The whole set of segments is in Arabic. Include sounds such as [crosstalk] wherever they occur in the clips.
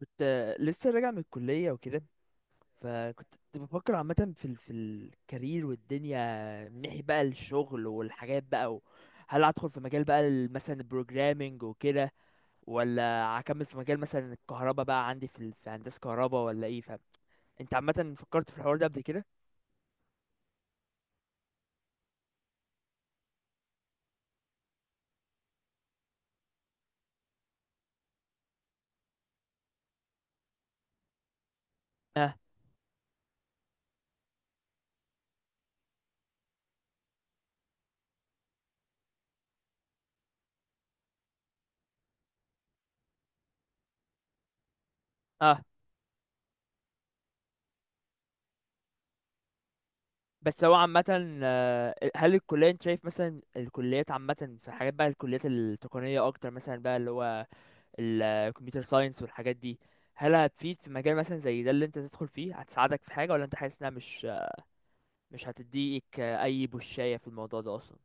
كنت لسه راجع من الكلية وكده. فكنت بفكر عامة في الكارير والدنيا من ناحية بقى الشغل والحاجات. هل هدخل في مجال بقى مثلا البروجرامينج وكده، ولا هكمل في مجال مثلا الكهرباء بقى عندي في هندسة كهرباء ولا ايه، فاهم؟ انت عامة فكرت في الحوار ده قبل كده؟ اه، اه. بس هو عامة، هل الكلية انت شايف مثلا الكليات عامة في حاجات بقى الكليات التقنية أكتر مثلا بقى اللي هو الكمبيوتر ساينس والحاجات دي، هل هتفيد في مجال مثلا زي ده اللي انت تدخل فيه؟ هتساعدك في حاجة ولا انت حاسس انها مش هتديك اي بوشاية في الموضوع ده اصلا؟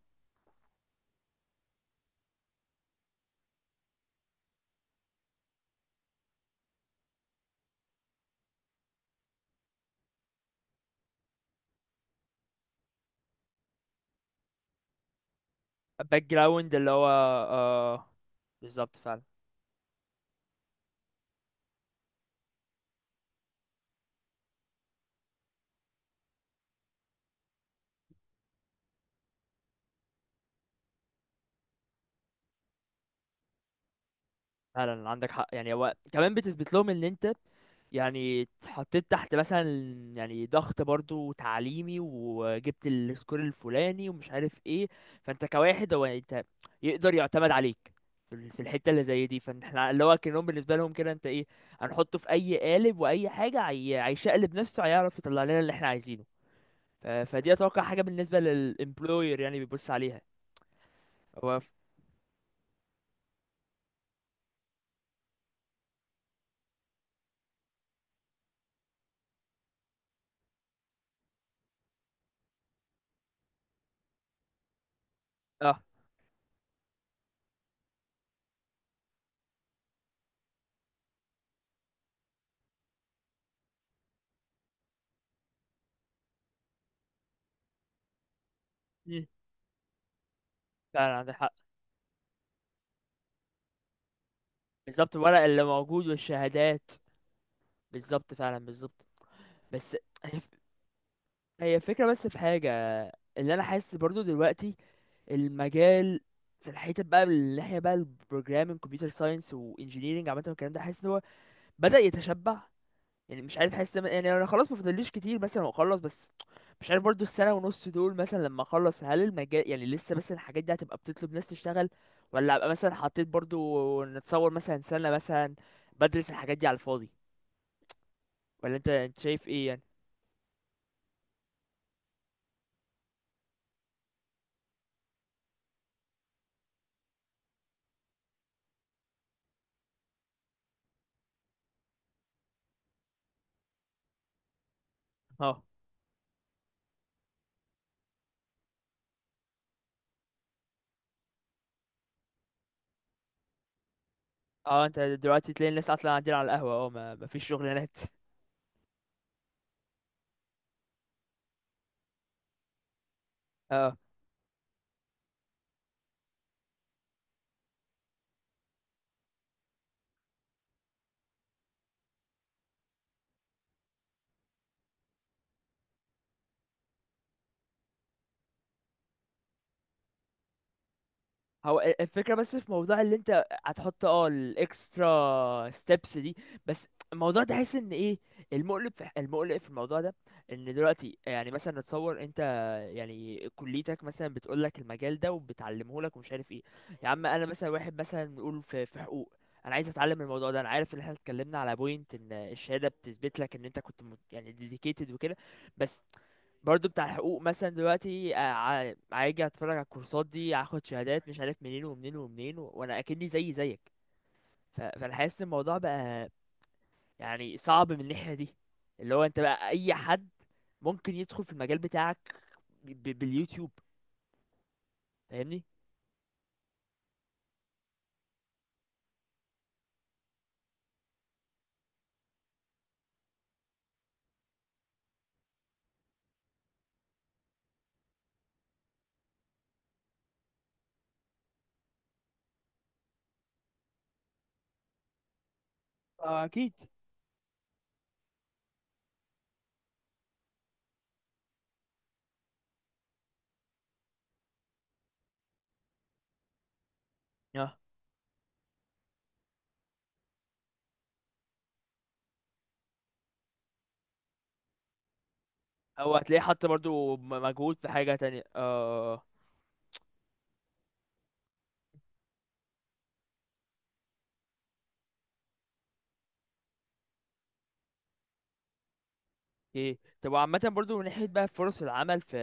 باك جراوند اللي هو آه، بالظبط فعلا. فعلا عندك حق، يعني هو كمان بتثبت لهم ان انت يعني اتحطيت تحت مثلا، يعني ضغط برضو تعليمي وجبت السكور الفلاني ومش عارف ايه. فانت كواحد هو انت يقدر يعتمد عليك في الحته اللي زي دي. فاحنا اللي هو كأنهم بالنسبه لهم كده انت ايه، هنحطه في اي قالب واي حاجه، هيشقلب نفسه هيعرف يطلع لنا اللي احنا عايزينه. فدي اتوقع حاجه بالنسبه للامبلوير يعني بيبص عليها. هو ف... اه. مم. فعلا عندك حق. بالظبط، الورق اللي موجود والشهادات. بالظبط فعلا، بالظبط. بس هي هي الفكرة، بس في حاجة اللي انا حاسس برضو دلوقتي، المجال في الحتة بقى من الناحية بقى البروجرامينج كمبيوتر ساينس وانجينيرنج عامة والكلام ده، حاسس ان هو بدأ يتشبع. يعني مش عارف، حاسس يعني انا خلاص ما فاضليش كتير مثلا واخلص، بس مش عارف برضو السنة ونص دول مثلا لما اخلص هل المجال يعني لسه مثلا الحاجات دي هتبقى بتطلب ناس تشتغل، ولا ابقى مثلا حطيت برضو نتصور مثلا سنة مثلا بدرس الحاجات دي على الفاضي؟ ولا انت شايف ايه يعني؟ اه. اه، انت دلوقتي تلاقي الناس اصلا قاعدين على القهوة، اه، ما مفيش شغلانات. اه. هو الفكرة بس في موضوع اللي انت هتحط اه الاكسترا ستيبس دي، بس الموضوع ده حاسس ان ايه، المقلب في المقلق في الموضوع ده، ان دلوقتي يعني مثلا نتصور انت يعني كليتك مثلا بتقول لك المجال ده وبتعلمه لك ومش عارف ايه. يا عم انا مثلا واحد مثلا نقول في حقوق، انا عايز اتعلم الموضوع ده، انا عارف ان احنا اتكلمنا على بوينت ان الشهاده بتثبت لك ان انت كنت يعني ديديكيتد وكده. بس برضو بتاع الحقوق مثلا دلوقتي هاجي اتفرج على الكورسات دي، هاخد شهادات مش عارف منين ومنين ومنين وانا اكني زي زيك. فانا حاسس إن الموضوع بقى يعني صعب من الناحية دي، اللي هو انت بقى اي حد ممكن يدخل في المجال بتاعك باليوتيوب، فاهمني؟ آه، اكيد. اه، هو هتلاقيه حط برضو مجهود في حاجة تانية، اه. ايه طب، وعامة برضو من ناحية بقى فرص العمل في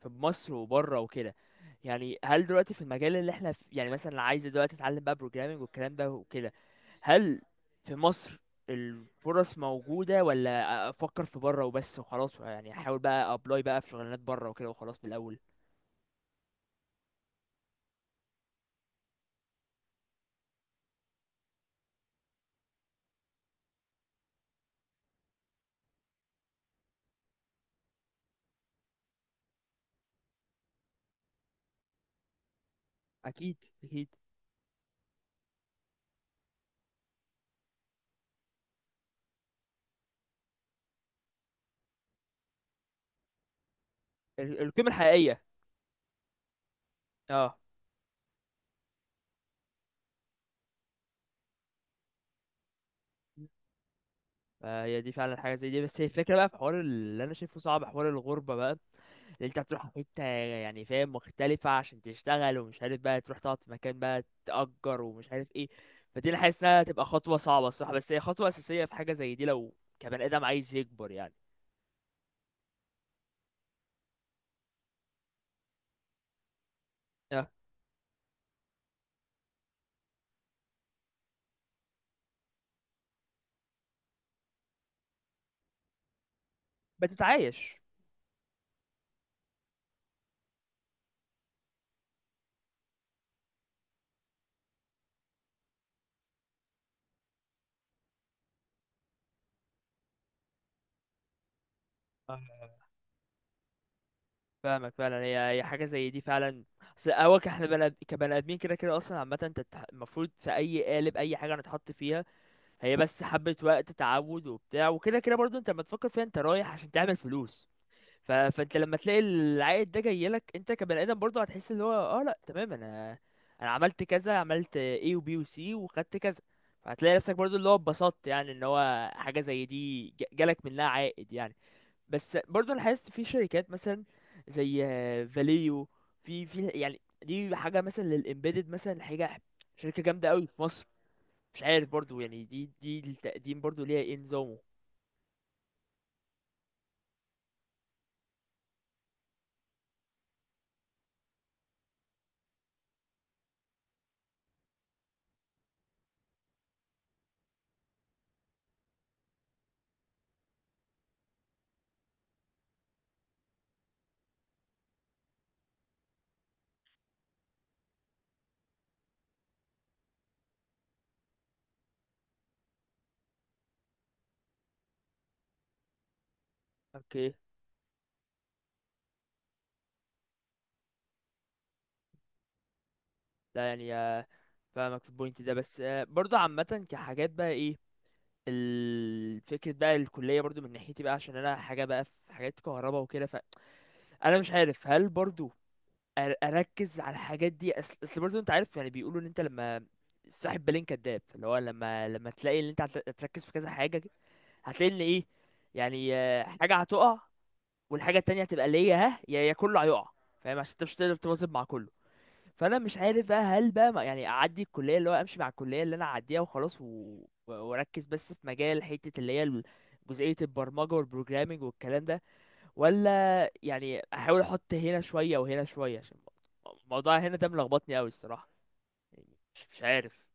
في مصر وبره وكده، يعني هل دلوقتي في المجال اللي احنا في، يعني مثلا اللي عايز دلوقتي اتعلم بقى بروجرامنج والكلام ده وكده، هل في مصر الفرص موجودة، ولا افكر في بره وبس وخلاص يعني احاول بقى ابلاي بقى في شغلانات بره وكده وخلاص من الاول؟ اكيد، اكيد. القيمة الحقيقية. اه. فهي دي فعلا حاجه زي دي، بس هي الفكره بقى في حوار اللي انا شايفه صعب، حوار الغربه بقى، اللي انت هتروح حته يعني، فاهم، مختلفه عشان تشتغل ومش عارف بقى تروح تقعد في مكان بقى تأجر ومش عارف ايه. فدي انا حاسس انها هتبقى خطوه صعبه الصراحه، بس هي خطوه اساسيه في حاجه زي دي لو كبني ادم عايز يكبر يعني. اه. بتتعايش. اه، فاهمك فعلا، هي حاجه زي دي فعلا. بس هو احنا بني كبني ادمين كده كده اصلا عامه، انت المفروض في اي قالب اي حاجه هنتحط فيها هي بس حبة وقت تعود وبتاع وكده كده. برضو انت لما تفكر فيها انت رايح عشان تعمل فلوس، فانت لما تلاقي العائد ده جاي لك انت كبني ادم برضو هتحس اللي هو، اه لا تمام، انا عملت كذا، عملت A و B و C وخدت كذا. فهتلاقي نفسك برضو اللي هو اتبسطت، يعني ان هو حاجة زي دي جالك منها عائد يعني. بس برضو انا حاسس في شركات مثلا زي فاليو، في يعني دي حاجة مثلا للإمبيدد، مثلا حاجة شركة جامدة قوي في مصر. مش عارف برضو يعني دي التقديم برضو ليها ايه نظامه. اوكي. لا يعني آه، فاهمك في البوينت ده، بس آه، برضو عامة كحاجات بقى ايه، فكرة بقى الكلية برضو من ناحيتي بقى عشان انا حاجة بقى في حاجات كهرباء وكده، فانا مش عارف هل برضو اركز على الحاجات دي. اصل برضو انت عارف، يعني بيقولوا ان انت لما، صاحب بالين كداب، اللي هو لما تلاقي ان انت هتركز في كذا حاجة هتلاقي ان ايه، يعني آه، حاجة هتقع والحاجه التانية هتبقى ليا ها، يا كله هيقع. فاهم، عشان انت مش هتقدر تواظب مع كله. فانا مش عارف بقى هل بقى يعني اعدي الكليه اللي هو امشي مع الكليه اللي انا اعديها وخلاص و واركز بس في مجال حته اللي هي جزئيه البرمجه والبروجرامينج والكلام ده، ولا يعني احاول احط هنا شويه وهنا شويه، عشان الموضوع هنا ده ملخبطني قوي الصراحه، يعني مش عارف.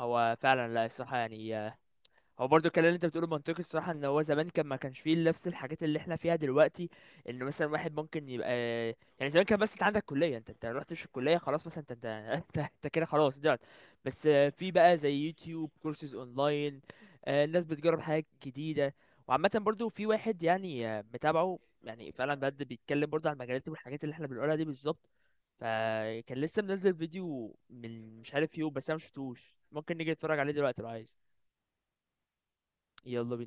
هو فعلا، لا، الصراحه يعني هو برضو الكلام اللي انت بتقوله منطقي الصراحه، ان هو زمان كان ما كانش فيه نفس الحاجات اللي احنا فيها دلوقتي، انه مثلا واحد ممكن يبقى، يعني زمان كان بس انت عندك كليه، انت رحتش الكليه خلاص مثلا انت [laughs] انت كده خلاص ضعت. بس آه، في بقى زي يوتيوب كورسز اونلاين، آه، الناس بتجرب حاجات جديده. وعامه برضو في واحد يعني آه، متابعه، يعني فعلا بجد بيتكلم برضو عن المجالات والحاجات اللي احنا بنقولها دي بالظبط. فكان لسه منزل فيديو من مش عارف يوم، بس انا مشفتوش. ممكن نيجي نتفرج عليه دلوقتي لو عايز. يلا بينا.